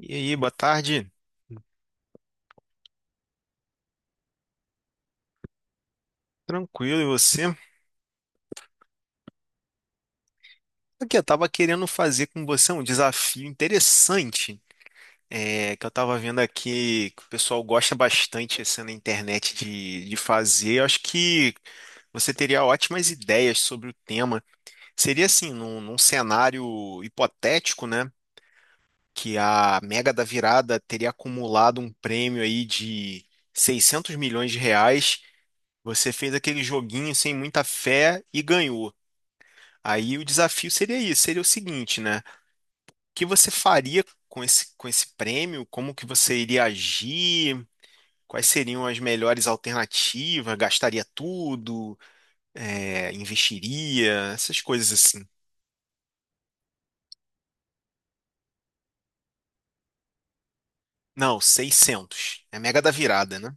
E aí, boa tarde. Tranquilo, e você? Aqui, eu tava querendo fazer com você um desafio interessante, que eu tava vendo aqui que o pessoal gosta bastante assim, na internet de fazer. Eu acho que você teria ótimas ideias sobre o tema. Seria assim, num cenário hipotético, né? Que a Mega da Virada teria acumulado um prêmio aí de 600 milhões de reais. Você fez aquele joguinho sem muita fé e ganhou. Aí o desafio seria isso, seria o seguinte, né? O que você faria com esse prêmio? Como que você iria agir? Quais seriam as melhores alternativas? Gastaria tudo? Investiria? Essas coisas assim. Não, seiscentos. É mega da virada, né?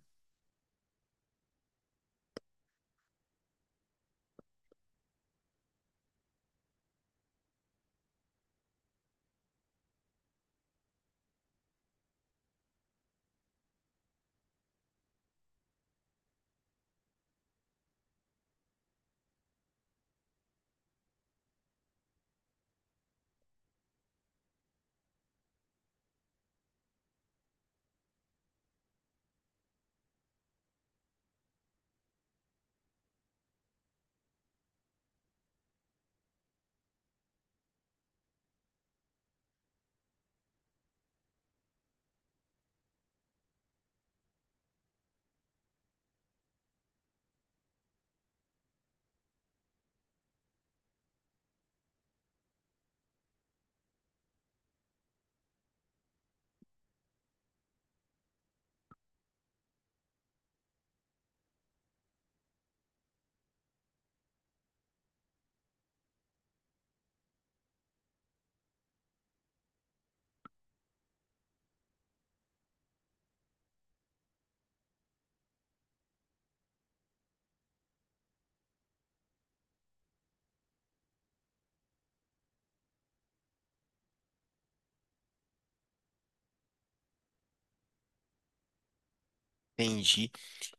Entendi.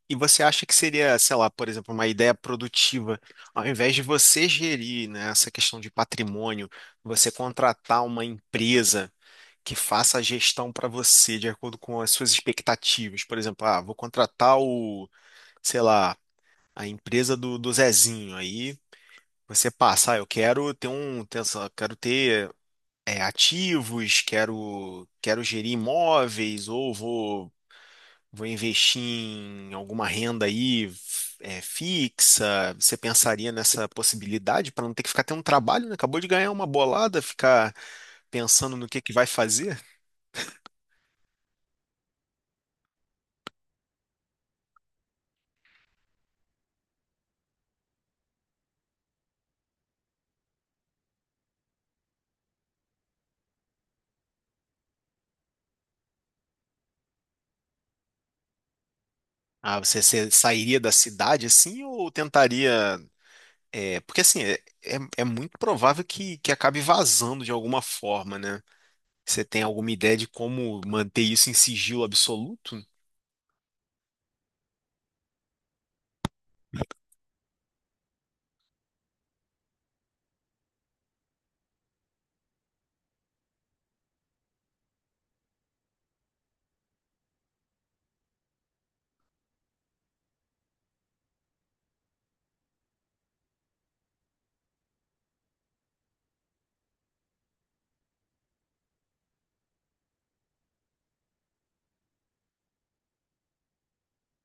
E você acha que seria, sei lá, por exemplo, uma ideia produtiva, ao invés de você gerir, né, essa questão de patrimônio, você contratar uma empresa que faça a gestão para você de acordo com as suas expectativas? Por exemplo, ah, vou contratar o, sei lá, a empresa do Zezinho. Aí você passa, ah, eu quero ter um, ter essa- quero ter ativos, quero gerir imóveis, ou vou investir em alguma renda aí fixa? Você pensaria nessa possibilidade para não ter que ficar tendo um trabalho, né? Acabou de ganhar uma bolada, ficar pensando no que vai fazer? Ah, você sairia da cidade assim ou tentaria? Porque assim, muito provável que acabe vazando de alguma forma, né? Você tem alguma ideia de como manter isso em sigilo absoluto?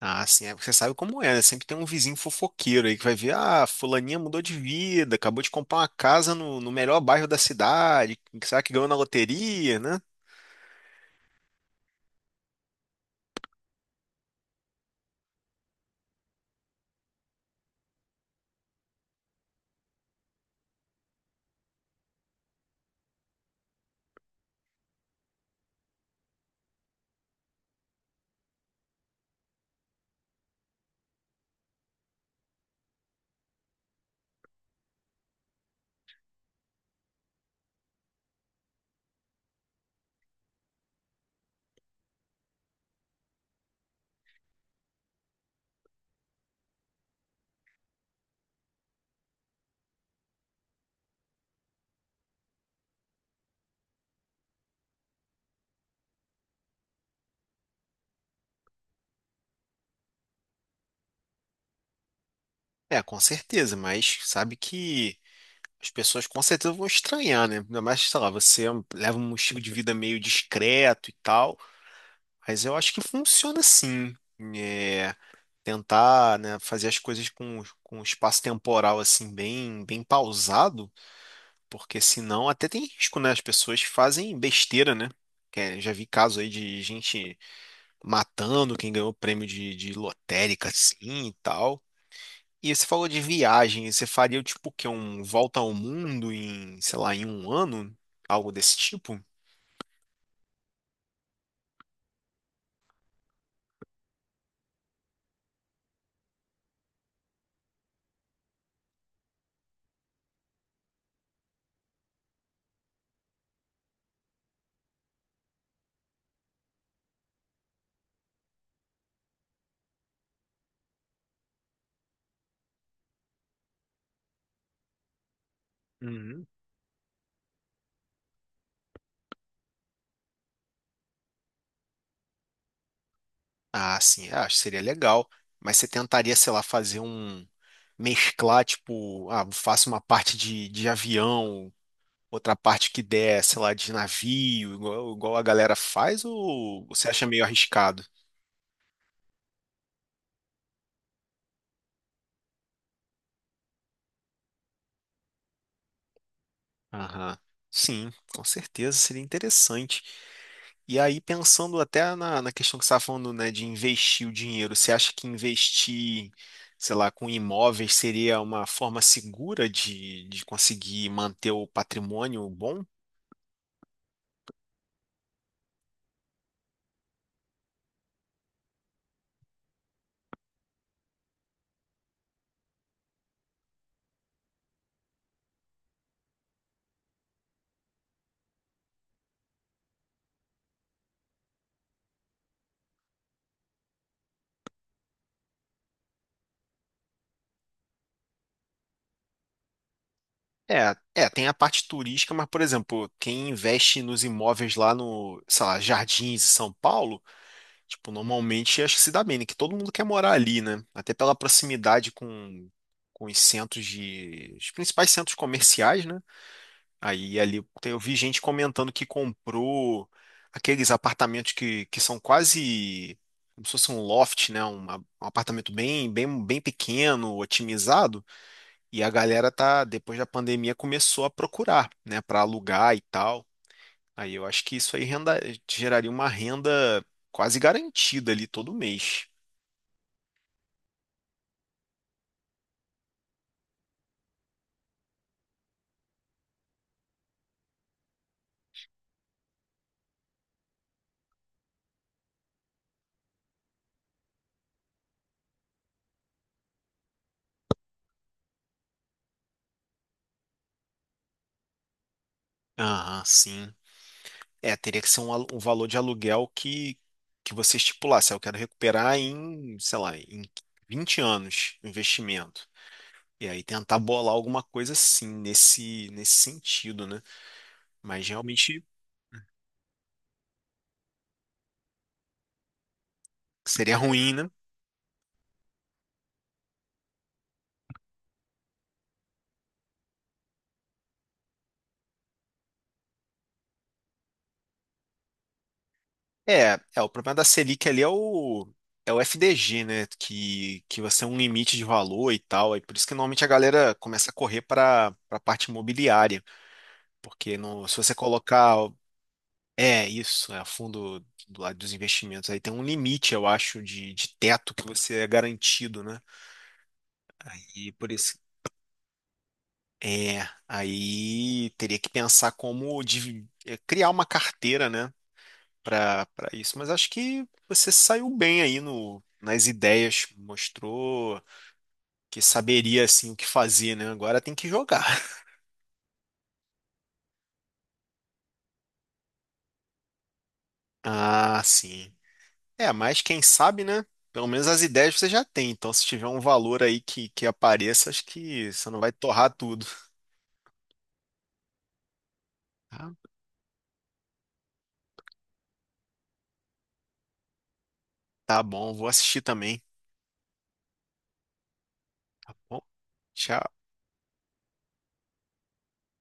Ah, sim, é porque você sabe como é, né? Sempre tem um vizinho fofoqueiro aí que vai ver, ah, fulaninha mudou de vida, acabou de comprar uma casa no melhor bairro da cidade, que será que ganhou na loteria, né? É, com certeza, mas sabe que as pessoas com certeza vão estranhar, né? Ainda mais, sei lá, você leva um estilo de vida meio discreto e tal, mas eu acho que funciona sim. É, Tentar, né, fazer as coisas com, um espaço temporal assim bem, bem pausado. Porque senão até tem risco, né? As pessoas fazem besteira, né? Já vi caso aí de gente matando quem ganhou prêmio de lotérica, assim, e tal. E você falou de viagem, você faria tipo o quê? Um volta ao mundo em, sei lá, em um ano? Algo desse tipo? Uhum. Ah, sim, eu acho que seria legal. Mas você tentaria, sei lá, fazer um. Mesclar, tipo, ah, faço uma parte de avião, outra parte que der, sei lá, de navio, igual a galera faz, ou você acha meio arriscado? Aham. Sim, com certeza seria interessante. E aí, pensando até na questão que você estava falando, né, de investir o dinheiro, você acha que investir, sei lá, com imóveis seria uma forma segura de conseguir manter o patrimônio bom? Tem a parte turística, mas, por exemplo, quem investe nos imóveis lá no, sei lá, Jardins, em São Paulo. Tipo, normalmente acho que se dá bem, né? Que todo mundo quer morar ali, né? Até pela proximidade com, os centros de. Os principais centros comerciais, né? Aí ali eu vi gente comentando que comprou aqueles apartamentos que são quase como se fosse um loft, né? Um apartamento bem, bem, bem pequeno, otimizado. E a galera tá, depois da pandemia, começou a procurar, né? Para alugar e tal. Aí eu acho que isso aí geraria uma renda quase garantida ali todo mês. Aham, sim. Teria que ser um valor de aluguel que você estipulasse. "Ah, eu quero recuperar sei lá, em 20 anos o investimento. E aí tentar bolar alguma coisa assim, nesse sentido, né? Mas realmente seria ruim, né? O problema da Selic ali é o FDG, né? Que você é um limite de valor e tal. E por isso que normalmente a galera começa a correr para a parte imobiliária. Porque se você colocar. É, isso, é fundo do lado dos investimentos. Aí tem um limite, eu acho, de teto que você é garantido, né? E por isso. É, Aí teria que pensar como criar uma carteira, né, para isso. Mas acho que você saiu bem aí no, nas ideias, mostrou que saberia assim o que fazer, né? Agora tem que jogar. Ah, sim. É, mas quem sabe, né? Pelo menos as ideias você já tem. Então, se tiver um valor aí que apareça, acho que você não vai torrar tudo. Tá, tá bom, vou assistir também. Bom, tchau.